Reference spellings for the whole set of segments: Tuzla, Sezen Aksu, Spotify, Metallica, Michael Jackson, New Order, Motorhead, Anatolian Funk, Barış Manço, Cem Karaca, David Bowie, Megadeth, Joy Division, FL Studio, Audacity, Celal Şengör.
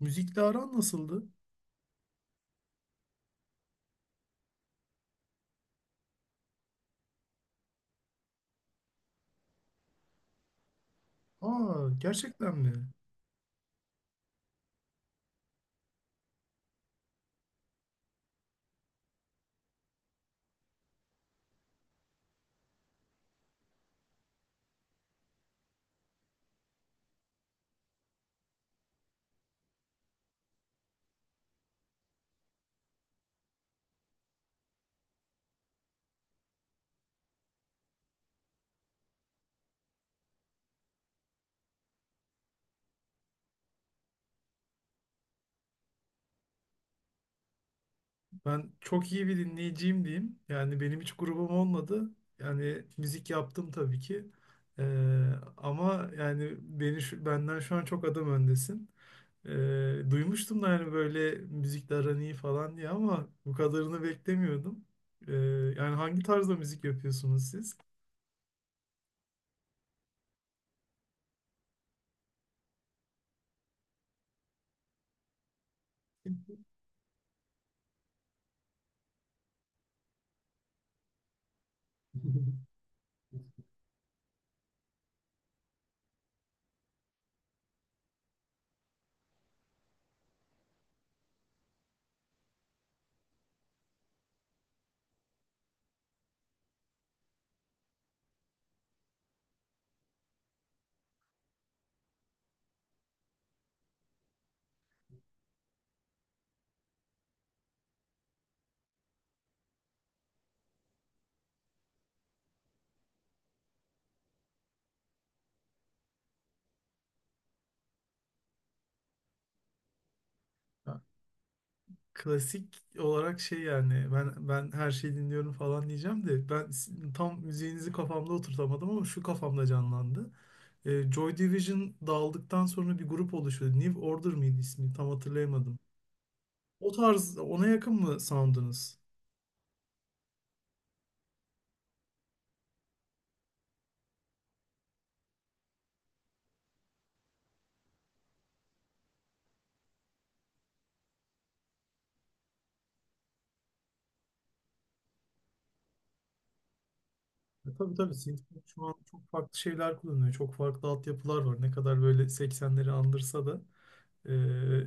Müzikle aran nasıldı? Aa, gerçekten mi? Ben çok iyi bir dinleyiciyim diyeyim. Yani benim hiç grubum olmadı. Yani müzik yaptım tabii ki. Ee, ama yani benden şu an çok adım öndesin. Ee, duymuştum da yani böyle müzikle aran iyi falan diye ama bu kadarını beklemiyordum. Ee, yani hangi tarzda müzik yapıyorsunuz siz? Klasik olarak şey yani ben her şeyi dinliyorum falan diyeceğim de tam müziğinizi kafamda oturtamadım ama şu kafamda canlandı. Joy Division dağıldıktan sonra bir grup oluşuyordu. New Order mıydı ismi? Tam hatırlayamadım. O tarz ona yakın mı sound'unuz? Tabii tabii, synthpop şu an çok farklı şeyler kullanıyor. Çok farklı altyapılar var. Ne kadar böyle 80'leri andırsa da e,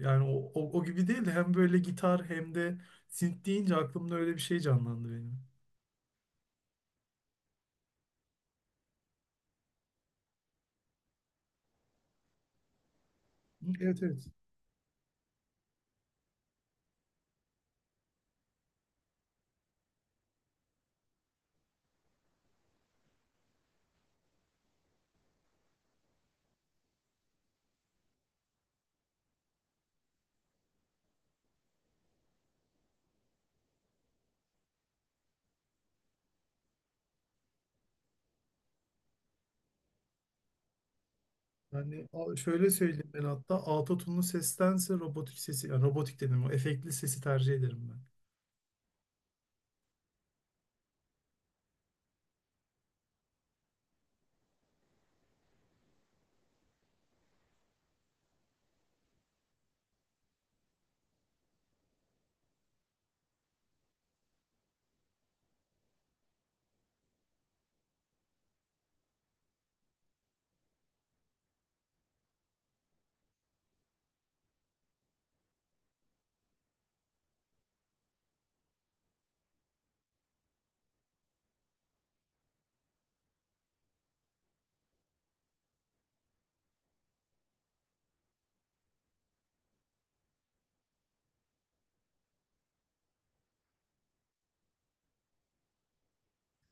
yani o gibi değil de hem böyle gitar hem de synth deyince aklımda öyle bir şey canlandı benim. Evet, evet. Şöyle söyleyeyim, ben hatta autotune'lu sestense robotik sesi, yani robotik dedim, o efektli sesi tercih ederim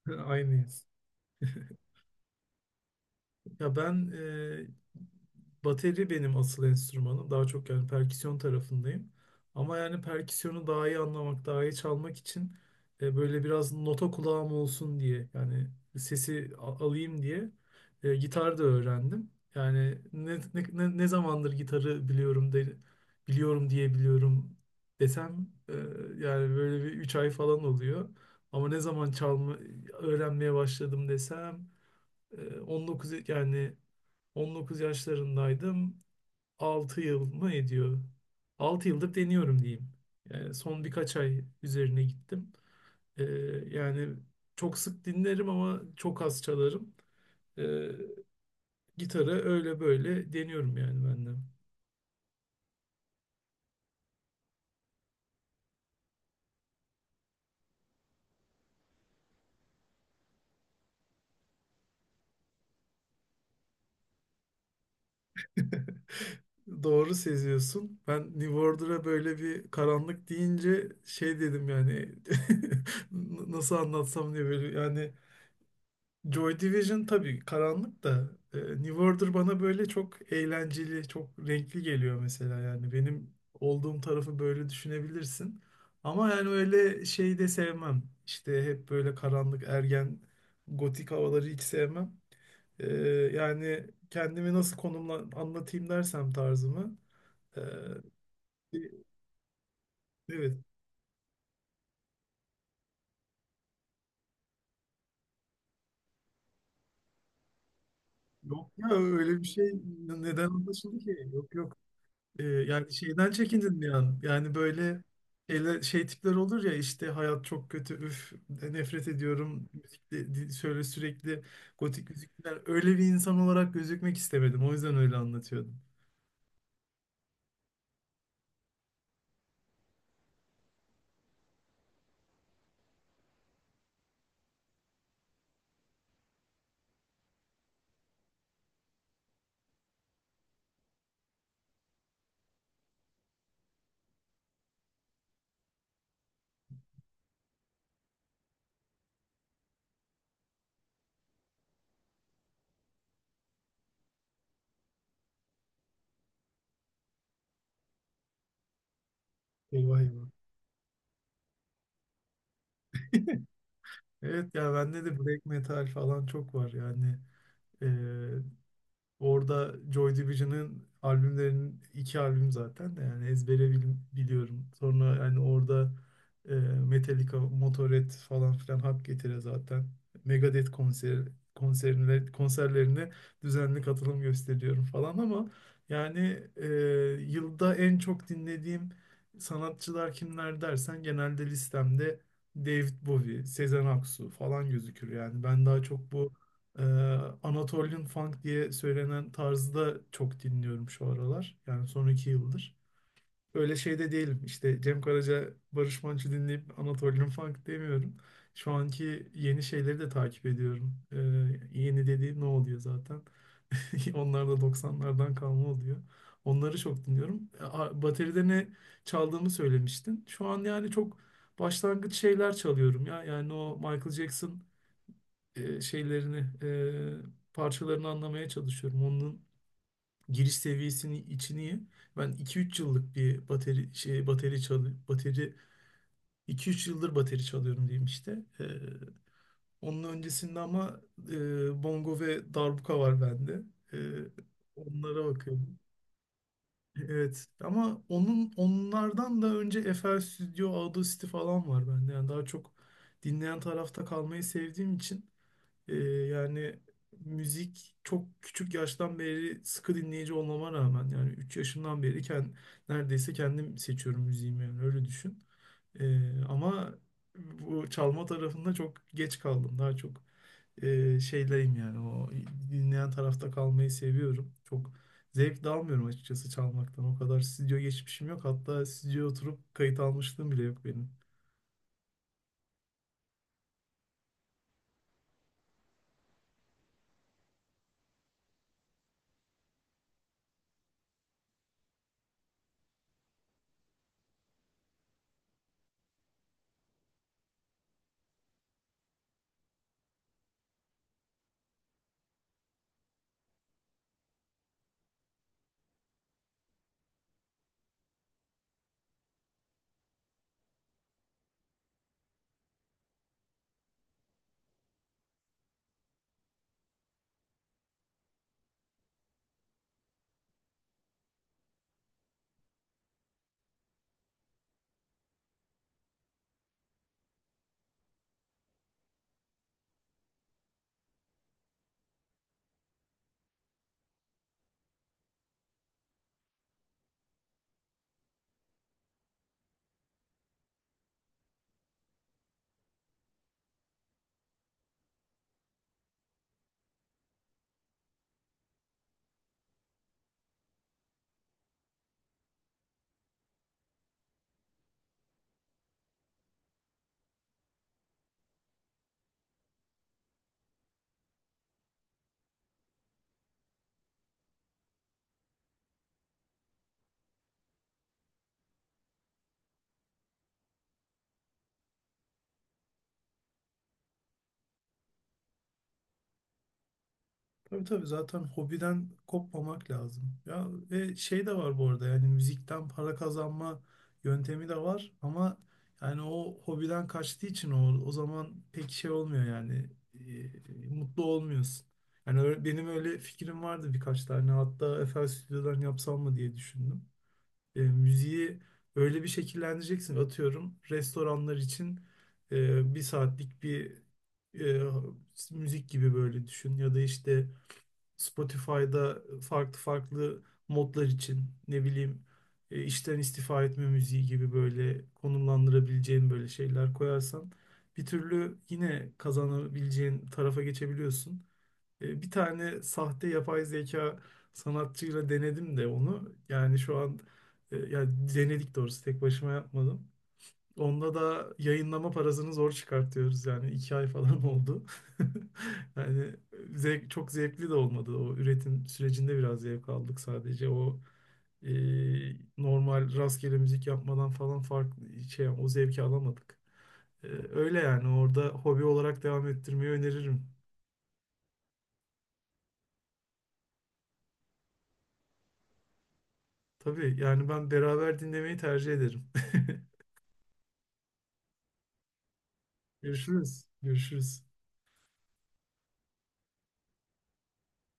ben. Aynıyız. Ya ben e, Bateri benim asıl enstrümanım. Daha çok yani perküsyon tarafındayım. Ama yani perküsyonu daha iyi anlamak, daha iyi çalmak için böyle biraz nota kulağım olsun diye, yani alayım diye gitar da öğrendim. Yani ne zamandır gitarı biliyorum biliyorum diye biliyorum desem yani böyle bir 3 ay falan oluyor. Ama ne zaman çalma öğrenmeye başladım desem 19, yani 19 yaşlarındaydım. 6 yıl mı ediyor? 6 yıldır deniyorum diyeyim. Yani son birkaç ay üzerine gittim. Ee, yani çok sık dinlerim ama çok az çalarım. Ee, gitarı öyle böyle deniyorum yani ben de. Doğru seziyorsun. Ben New Order'a böyle bir karanlık deyince şey dedim yani. Nasıl anlatsam diye, böyle yani Joy Division tabii karanlık da, New Order bana böyle çok eğlenceli, çok renkli geliyor mesela. Yani benim olduğum tarafı böyle düşünebilirsin. Ama yani öyle şey de sevmem. İşte hep böyle karanlık, ergen, gotik havaları hiç sevmem. E, yani kendimi nasıl konumla anlatayım dersem tarzımı. e, evet. Yok ya, öyle bir şey neden anlaşıldı ki? Yok, yok. Yani şeyden çekindin bir an. Yani böyle şey tipler olur ya, işte hayat çok kötü, üf, nefret ediyorum. Şöyle sürekli gotik müzikler. Öyle bir insan olarak gözükmek istemedim. O yüzden öyle anlatıyordum. Eyvah, eyvah. Evet ya, bende de black metal falan çok var yani. Ee, Orada Joy Division'ın albümlerinin iki albüm zaten de yani ezbere biliyorum. Sonra yani orada Metallica, Motorhead falan filan hak getire zaten. Megadeth konser konserine, konserlerine düzenli katılım gösteriyorum falan. Ama yani e, yılda en çok dinlediğim sanatçılar kimler dersen, genelde listemde David Bowie, Sezen Aksu falan gözükür yani. Ben daha çok bu ee, Anatolian Funk diye söylenen tarzı da çok dinliyorum şu aralar. Yani son 2 yıldır. Öyle şey de değilim, İşte Cem Karaca, Barış Manço dinleyip Anatolian Funk demiyorum. Şu anki yeni şeyleri de takip ediyorum. Yeni dediğim ne oluyor zaten? Onlar da doksanlardan kalma oluyor. Onları çok dinliyorum. Bateride ne çaldığımı söylemiştin. Şu an yani çok başlangıç şeyler çalıyorum ya. Yani o Michael Jackson e, şeylerini parçalarını anlamaya çalışıyorum. Onun giriş seviyesini içini iyi. Ben iki üç yıllık bir bateri şey bateri çalı bateri 2-3 yıldır bateri çalıyorum diyeyim işte. E, onun öncesinde ama bongo ve darbuka var bende. E, onlara bakıyorum. Evet ama onun onlardan da önce FL Studio, Audacity falan var bende. Yani daha çok dinleyen tarafta kalmayı sevdiğim için. Yani müzik, çok küçük yaştan beri sıkı dinleyici olmama rağmen, yani 3 yaşımdan beri neredeyse kendim seçiyorum müziğimi, yani öyle düşün. Ama bu çalma tarafında çok geç kaldım. Daha çok şeyleyim, yani o dinleyen tarafta kalmayı seviyorum. Çok zevk de almıyorum açıkçası çalmaktan. O kadar stüdyo geçmişim yok. Hatta stüdyoya oturup kayıt almışlığım bile yok benim. Tabii, tabii, zaten hobiden kopmamak lazım. Ya ve şey de var bu arada, yani müzikten para kazanma yöntemi de var ama yani o hobiden kaçtığı için o zaman pek şey olmuyor, yani mutlu olmuyorsun. Yani benim öyle fikrim vardı, birkaç tane hatta FL Stüdyo'dan yapsam mı diye düşündüm. Müziği öyle bir şekillendireceksin, atıyorum restoranlar için bir saatlik bir e, müzik gibi böyle düşün, ya da işte Spotify'da farklı farklı modlar için, ne bileyim, işten istifa etme müziği gibi böyle konumlandırabileceğin böyle şeyler koyarsan, bir türlü yine kazanabileceğin tarafa geçebiliyorsun. Bir tane sahte yapay zeka sanatçıyla denedim de onu. Yani şu an yani denedik doğrusu, tek başıma yapmadım. Onda da yayınlama parasını zor çıkartıyoruz, yani 2 ay falan oldu. Yani çok zevkli de olmadı. O üretim sürecinde biraz zevk aldık sadece, o e, normal rastgele müzik yapmadan falan farklı şey, o zevki alamadık. Öyle, yani orada hobi olarak devam ettirmeyi öneririm. Tabii yani ben beraber dinlemeyi tercih ederim. Görüşürüz. Görüşürüz.